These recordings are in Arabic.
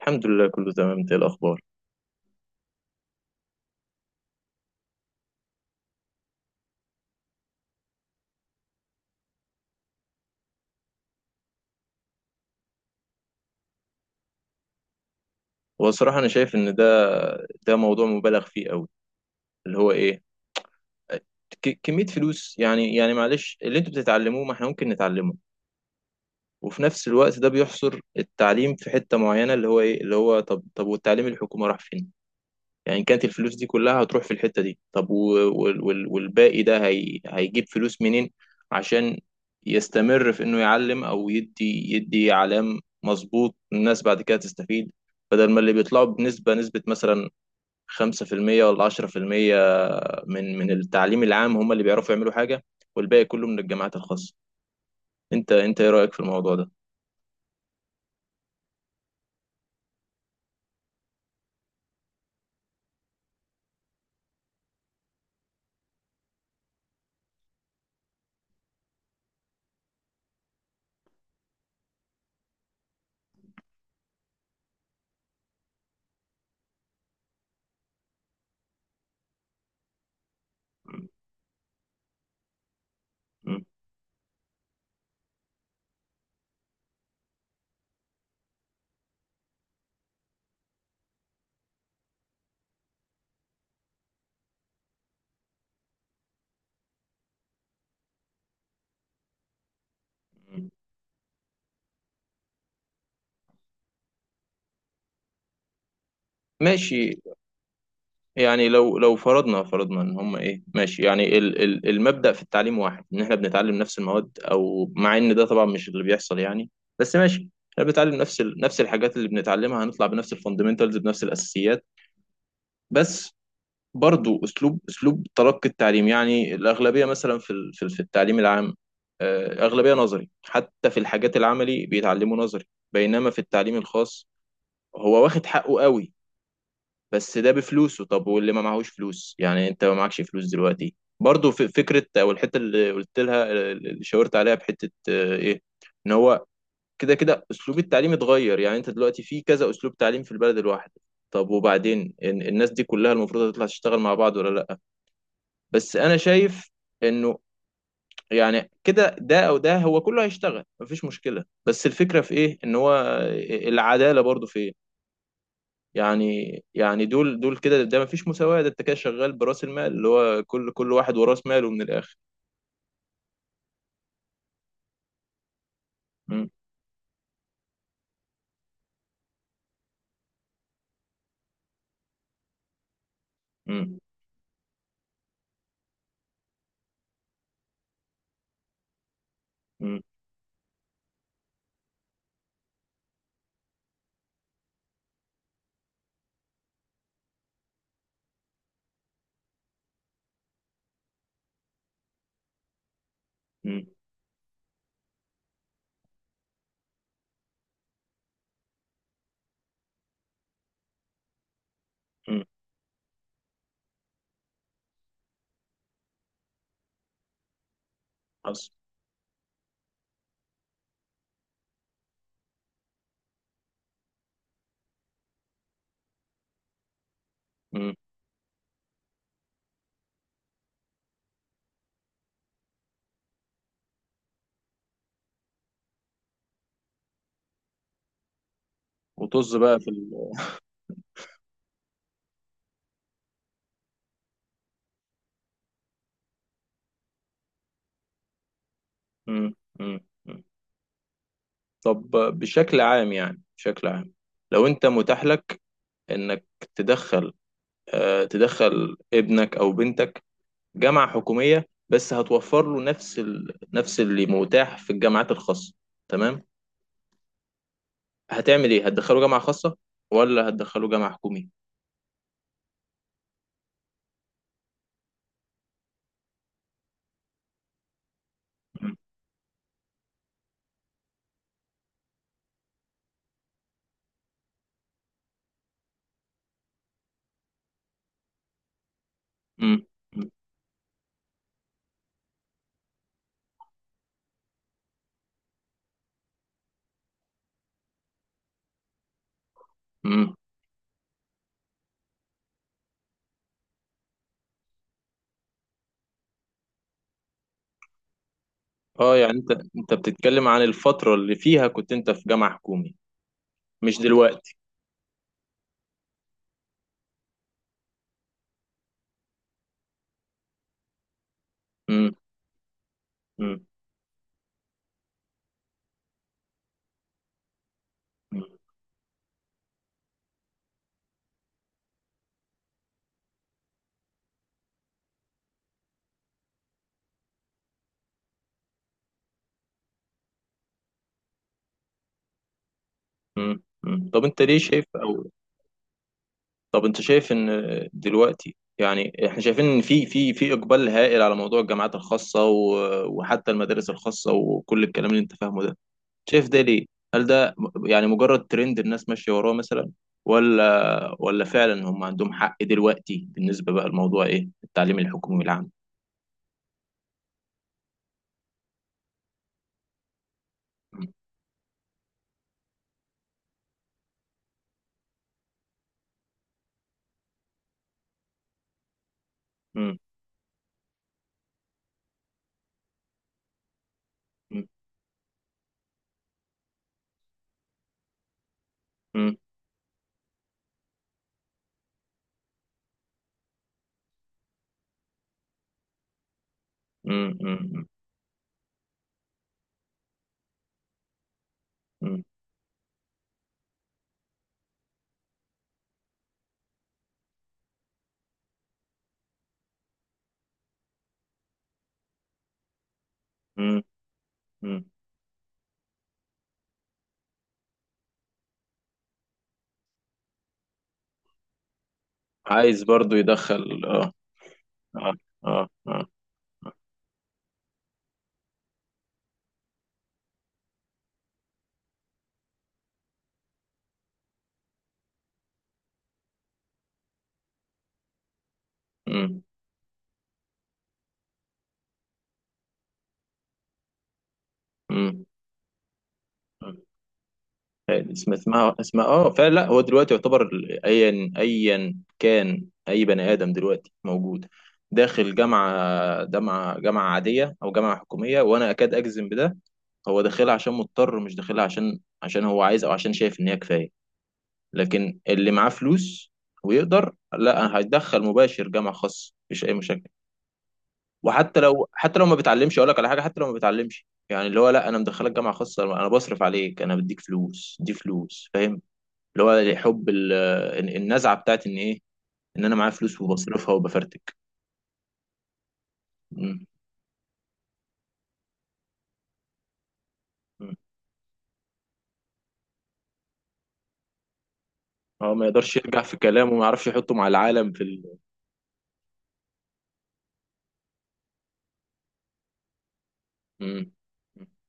الحمد لله كله تمام. انت ايه الاخبار؟ هو الصراحه انا شايف ان ده موضوع مبالغ فيه قوي. اللي هو ايه، كميه فلوس. يعني معلش اللي انتوا بتتعلموه ما احنا ممكن نتعلمه، وفي نفس الوقت ده بيحصر التعليم في حته معينه. اللي هو ايه؟ اللي هو طب والتعليم الحكومه راح فين؟ يعني إن كانت الفلوس دي كلها هتروح في الحتة دي، طب والباقي ده هي هيجيب فلوس منين عشان يستمر في انه يعلم او يدي اعلام مظبوط، الناس بعد كده تستفيد؟ بدل ما اللي بيطلعوا بنسبة مثلا 5% ولا 10% من التعليم العام هم اللي بيعرفوا يعملوا حاجة، والباقي كله من الجامعات الخاصة. انت ايه رأيك في الموضوع ده؟ م- م- م. ماشي. يعني لو فرضنا ان هم ايه، ماشي، يعني ال المبدأ في التعليم واحد، ان احنا بنتعلم نفس المواد، او مع ان ده طبعا مش اللي بيحصل. يعني بس ماشي، احنا بنتعلم نفس نفس الحاجات اللي بنتعلمها، هنطلع بنفس الفاندمنتالز، بنفس الاساسيات. بس برضو اسلوب تلقي التعليم، يعني الاغلبية مثلا في التعليم العام، آه، اغلبية نظري، حتى في الحاجات العملي بيتعلموا نظري. بينما في التعليم الخاص هو واخد حقه قوي، بس ده بفلوسه. طب واللي ما معهوش فلوس؟ يعني انت ما معكش فلوس دلوقتي، برضو في فكرة او الحتة اللي قلت لها، اللي شاورت عليها بحتة آه، ايه، ان هو كده كده اسلوب التعليم اتغير. يعني انت دلوقتي في كذا اسلوب تعليم في البلد الواحدة. طب وبعدين الناس دي كلها المفروض هتطلع تشتغل مع بعض ولا لا؟ بس انا شايف انه يعني كده ده، او ده، هو كله هيشتغل مفيش مشكلة، بس الفكرة في ايه، ان هو آه، العدالة برضو فين؟ يعني يعني دول كده ده ما فيش مساواة، ده انت كده شغال براس المال. اللي هو كل واحد وراس ماله من الآخر. مم. مم. مم. مم. مم. حصل. مم. وطز بقى في ال... مم. مم. مم. طب بشكل عام، يعني بشكل عام، لو انت متاح لك انك تدخل آه تدخل ابنك او بنتك جامعة حكومية، بس هتوفر له نفس ال... نفس اللي متاح في الجامعات الخاصة، تمام، هتعمل ايه؟ هتدخله جامعة خاصة ولا هتدخله جامعة حكومية؟ مم. مم. مم. اه يعني انت، انت بتتكلم عن الفترة اللي فيها كنت انت في جامعة حكومي، مش دلوقتي؟ مم. مم. مم. مم. طب انت ليه شايف او طب انت شايف ان دلوقتي، يعني احنا شايفين ان في اقبال هائل على موضوع الجامعات الخاصة، وحتى المدارس الخاصة، وكل الكلام اللي انت فاهمه ده، شايف ده ليه؟ هل ده يعني مجرد ترند الناس ماشية وراه مثلا، ولا فعلا هم عندهم حق دلوقتي بالنسبة بقى لموضوع ايه التعليم الحكومي العام؟ مم. مم. مم. مم. مم. مم. مم. مم. عايز برضو يدخل، اه. اه. اه. اه. مم. مم. مم. اسمها اه فعلا. لا هو دلوقتي يعتبر ايا كان اي بني ادم دلوقتي موجود داخل جامعه عاديه او جامعه حكوميه، وانا اكاد اجزم بده، هو داخلها عشان مضطر، مش داخلها عشان هو عايز او عشان شايف ان هي كفايه. لكن اللي معاه فلوس ويقدر، لا، هيدخل مباشر جامعة خاصة مفيش أي مشاكل. وحتى لو حتى لو ما بيتعلمش، أقول لك على حاجة، حتى لو ما بيتعلمش، يعني اللي هو، لا أنا مدخلك جامعة خاصة، أنا بصرف عليك، أنا بديك فلوس، دي فلوس، فاهم؟ اللي هو حب ال- النزعة بتاعت إن إيه، إن أنا معايا فلوس وبصرفها وبفرتك. مم. مم. هو ما يقدرش يرجع في كلامه وما يعرفش يحطه مع العالم في ال... مم.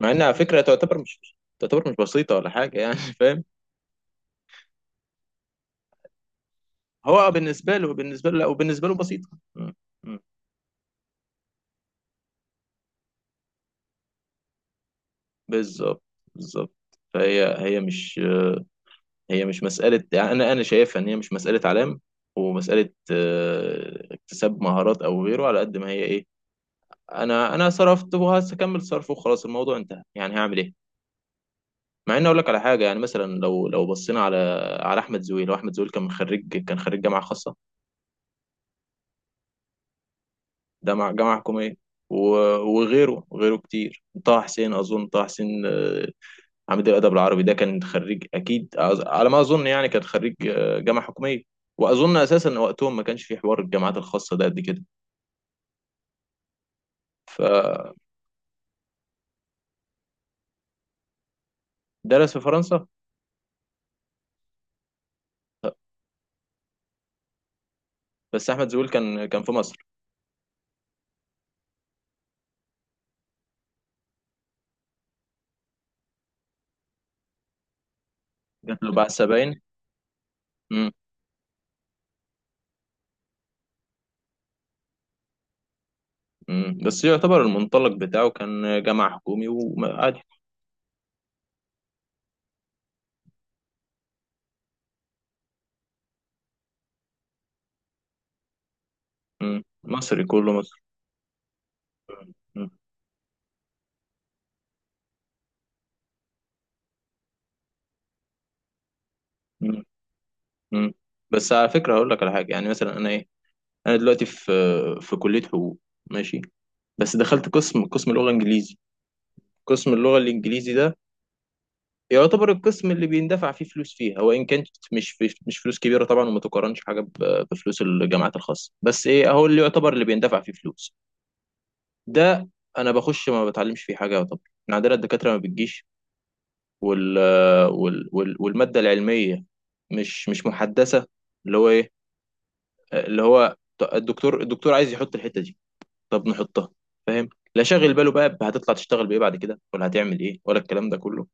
مع إن على فكرة تعتبر، مش تعتبر مش بسيطة ولا حاجة يعني، فاهم؟ هو بالنسبة له، بالنسبة له، لا، وبالنسبة له بسيطة. مم. مم. بالظبط. بالظبط. فهي هي مش، هي مش مسألة، يعني أنا شايفها إن هي مش مسألة علام ومسألة آه، اكتساب مهارات أو غيره، على قد ما هي إيه، أنا صرفت وهكمل صرف وخلاص الموضوع انتهى، يعني هعمل إيه؟ مع إني أقول لك على حاجة، يعني مثلا لو بصينا على أحمد زويل. هو أحمد زويل كان خريج، كان خريج جامعة خاصة، ده مع جامعة حكومية، و- وغيره كتير. طه حسين أظن طه حسين آه، عميد الادب العربي، ده كان خريج اكيد، على ما اظن، يعني كان خريج آه، جامعه حكوميه. واظن اساسا وقتهم ما كانش في حوار الجامعات الخاصه ده قد كده. فدرس في فرنسا. بس احمد زويل كان في مصر. جات له بعثه باين. امم. أمم. بس يعتبر المنطلق بتاعه كان جامعه حكومي وعادي. أمم. مصري كله مصري. أمم. أمم. أمم. بس على فكره هقول لك على حاجه، يعني مثلا انا ايه، انا دلوقتي في كليه حقوق، ماشي، بس دخلت قسم لغه انجليزي. قسم اللغه الانجليزي ده يعتبر القسم اللي بيندفع فيه فلوس فيها، وان كانت مش فلوس كبيره طبعا، وما تقارنش حاجه بفلوس الجامعات الخاصه، بس ايه هو اللي يعتبر اللي بيندفع فيه فلوس ده. انا بخش ما بتعلمش فيه حاجه يعتبر. إحنا عندنا الدكاتره ما بتجيش، وال والماده العلميه مش محدثه. اللي هو ايه، اللي هو الدكتور عايز يحط الحته دي، طب نحطها، فاهم؟ لا شاغل باله بقى هتطلع تشتغل بايه بعد كده، ولا هتعمل ايه، ولا الكلام ده كله.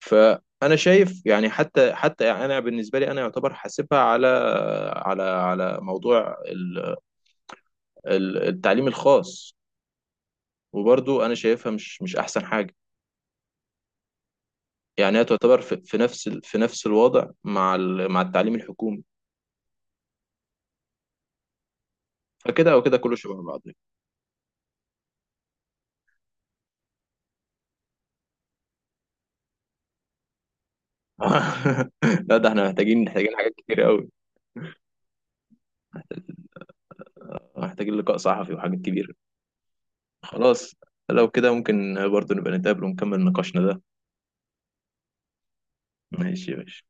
فانا شايف يعني حتى انا بالنسبه لي انا يعتبر حاسبها على على موضوع التعليم الخاص، وبرضو انا شايفها مش احسن حاجه. يعني هي تعتبر في في نفس في نفس الوضع مع مع التعليم الحكومي. فكده او كده كله شبه بعض. لا ده احنا محتاجين حاجات كتير قوي. محتاجين لقاء صحفي وحاجات كبيره. خلاص، لو كده ممكن برضو نبقى نتقابل ونكمل نقاشنا ده. ماشي يا باشا.